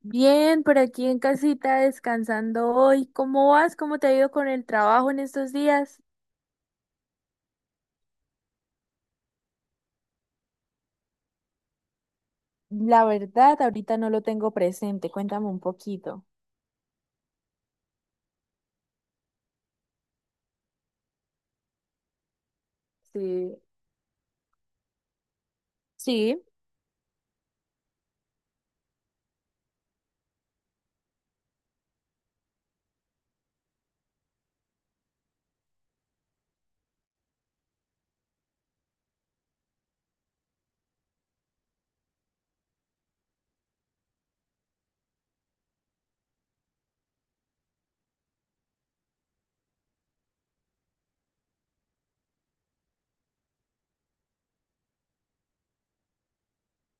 Bien, por aquí en casita descansando hoy. ¿Cómo vas? ¿Cómo te ha ido con el trabajo en estos días? La verdad, ahorita no lo tengo presente. Cuéntame un poquito. Sí. Sí.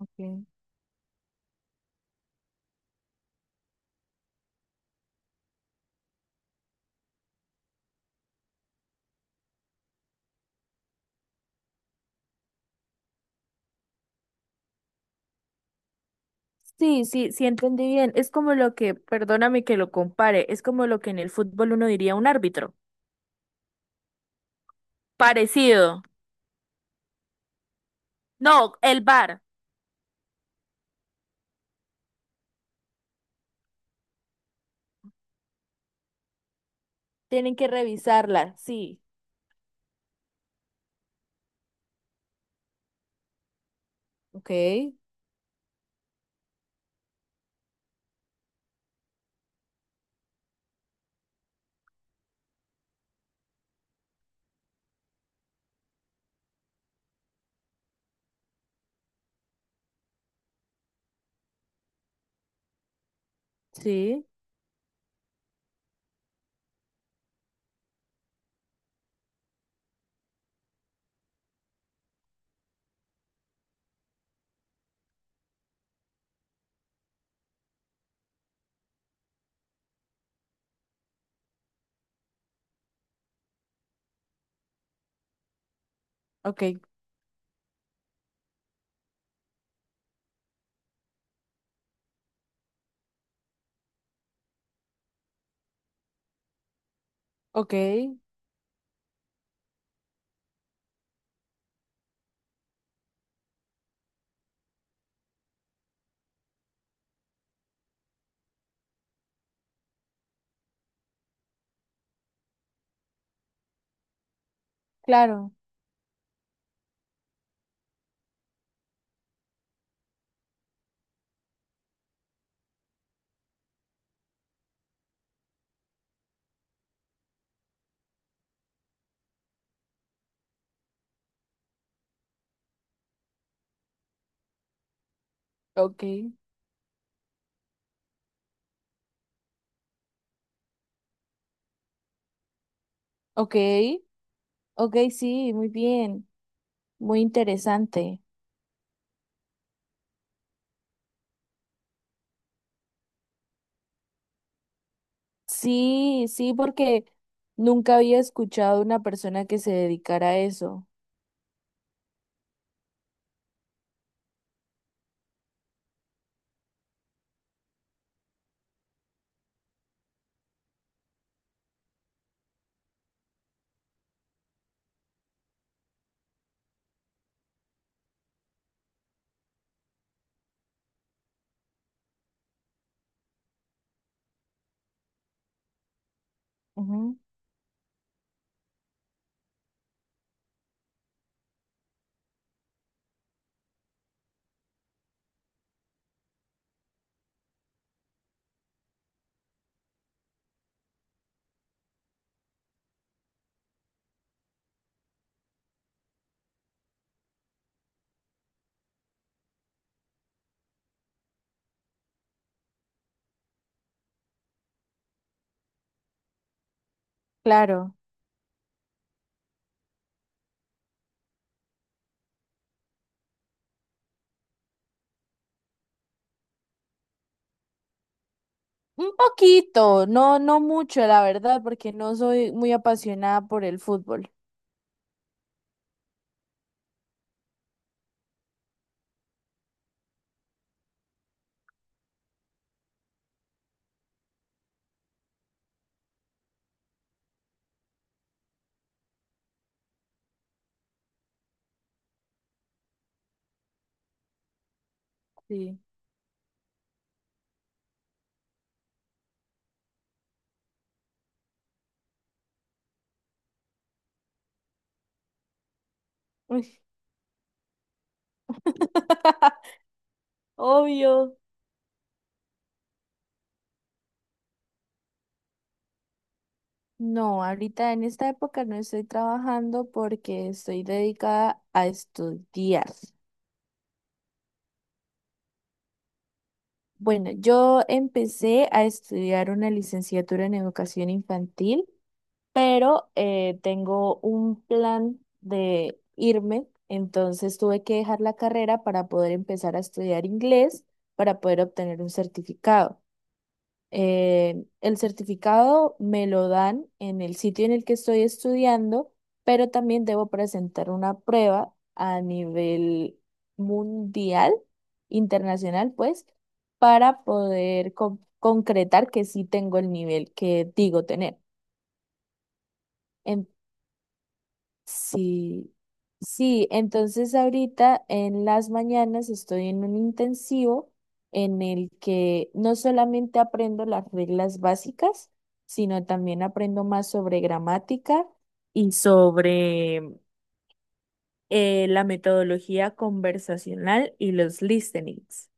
Okay. Sí, entendí bien. Es como perdóname que lo compare, es como lo que en el fútbol uno diría un árbitro. Parecido. No, el VAR. Tienen que revisarla, sí. Ok. Sí. Ok. Ok. Claro. Ok, ok, ok, sí, muy bien. Muy interesante. Sí, sí, porque nunca había escuchado una persona que se dedicara a eso. Ujú. Claro. Un poquito, no, no mucho, la verdad, porque no soy muy apasionada por el fútbol. Sí. Uy. Obvio. No, ahorita en esta época no estoy trabajando porque estoy dedicada a estudiar. Bueno, yo empecé a estudiar una licenciatura en educación infantil, pero tengo un plan de irme, entonces tuve que dejar la carrera para poder empezar a estudiar inglés, para poder obtener un certificado. El certificado me lo dan en el sitio en el que estoy estudiando, pero también debo presentar una prueba a nivel mundial, internacional, pues, para poder concretar que sí tengo el nivel que digo tener. Sí, sí, entonces ahorita en las mañanas estoy en un intensivo en el que no solamente aprendo las reglas básicas, sino también aprendo más sobre gramática y sobre la metodología conversacional y los listenings.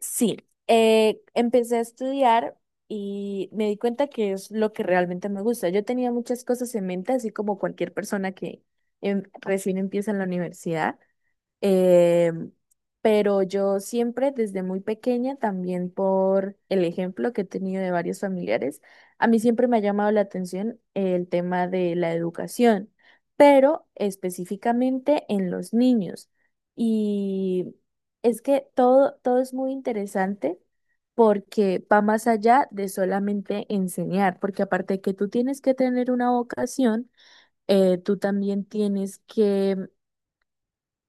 Sí, empecé a estudiar y me di cuenta que es lo que realmente me gusta. Yo tenía muchas cosas en mente, así como cualquier persona que recién empieza en la universidad, eh, pero yo siempre, desde muy pequeña, también por el ejemplo que he tenido de varios familiares, a mí siempre me ha llamado la atención el tema de la educación, pero específicamente en los niños. Y es que todo es muy interesante porque va más allá de solamente enseñar, porque aparte de que tú tienes que tener una vocación, tú también tienes que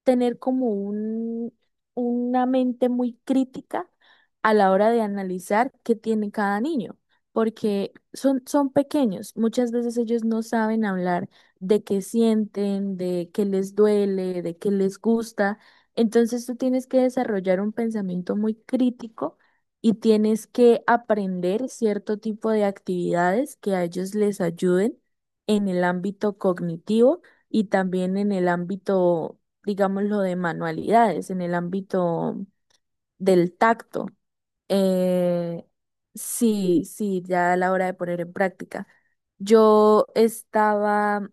tener una mente muy crítica a la hora de analizar qué tiene cada niño, porque son pequeños, muchas veces ellos no saben hablar de qué sienten, de qué les duele, de qué les gusta, entonces tú tienes que desarrollar un pensamiento muy crítico. Y tienes que aprender cierto tipo de actividades que a ellos les ayuden en el ámbito cognitivo y también en el ámbito, digamos, lo de manualidades en el ámbito del tacto. Eh, sí, sí, ya a la hora de poner en práctica. Yo estaba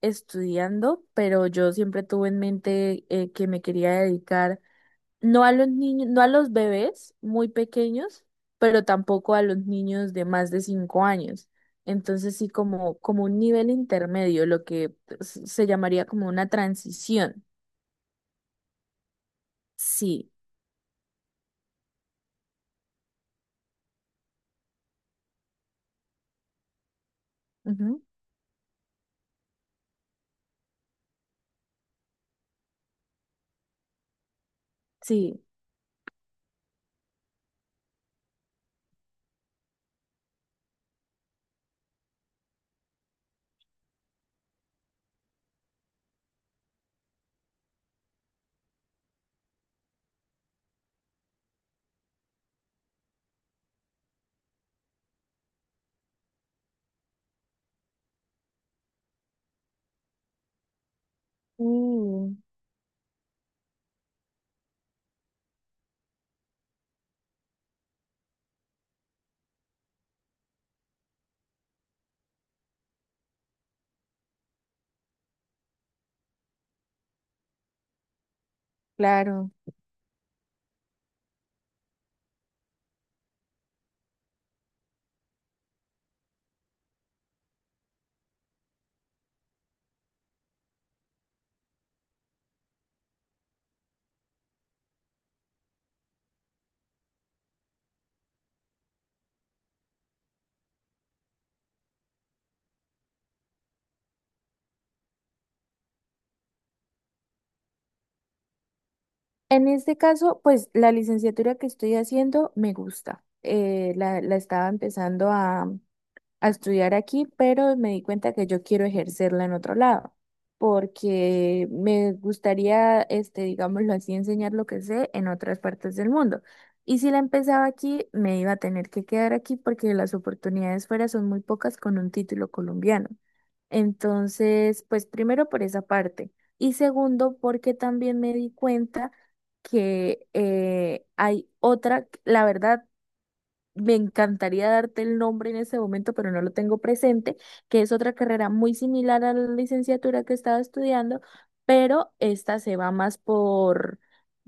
estudiando, pero yo siempre tuve en mente que me quería dedicar no a los niños, no a los bebés muy pequeños, pero tampoco a los niños de más de 5 años. Entonces sí, como un nivel intermedio, lo que se llamaría como una transición. Sí. Sí. Mm, claro. En este caso, pues la licenciatura que estoy haciendo me gusta. La estaba empezando a estudiar aquí, pero me di cuenta que yo quiero ejercerla en otro lado, porque me gustaría, este, digámoslo así, enseñar lo que sé en otras partes del mundo. Y si la empezaba aquí, me iba a tener que quedar aquí porque las oportunidades fuera son muy pocas con un título colombiano. Entonces, pues primero por esa parte. Y segundo, porque también me di cuenta que hay otra, la verdad, me encantaría darte el nombre en ese momento, pero no lo tengo presente, que es otra carrera muy similar a la licenciatura que estaba estudiando, pero esta se va más por,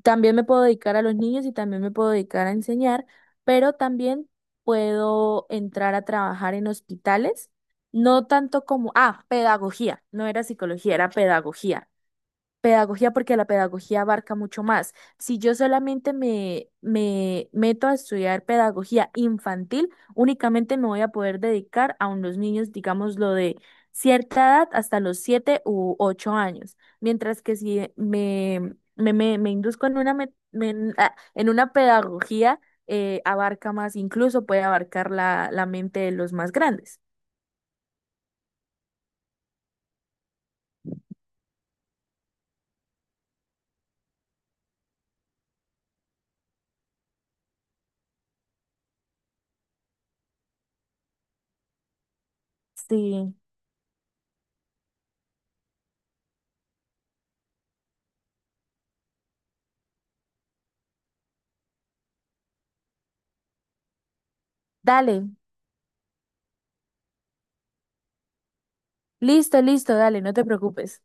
también me puedo dedicar a los niños y también me puedo dedicar a enseñar, pero también puedo entrar a trabajar en hospitales, no tanto como, ah, pedagogía, no era psicología, era pedagogía. Pedagogía porque la pedagogía abarca mucho más. Si yo solamente me meto a estudiar pedagogía infantil, únicamente me voy a poder dedicar a unos niños, digamos, lo de cierta edad hasta los 7 u 8 años. Mientras que si me induzco en una, me- me- en ah, en una pedagogía, abarca más, incluso puede abarcar la mente de los más grandes. Sí, dale, listo, listo, dale, no te preocupes.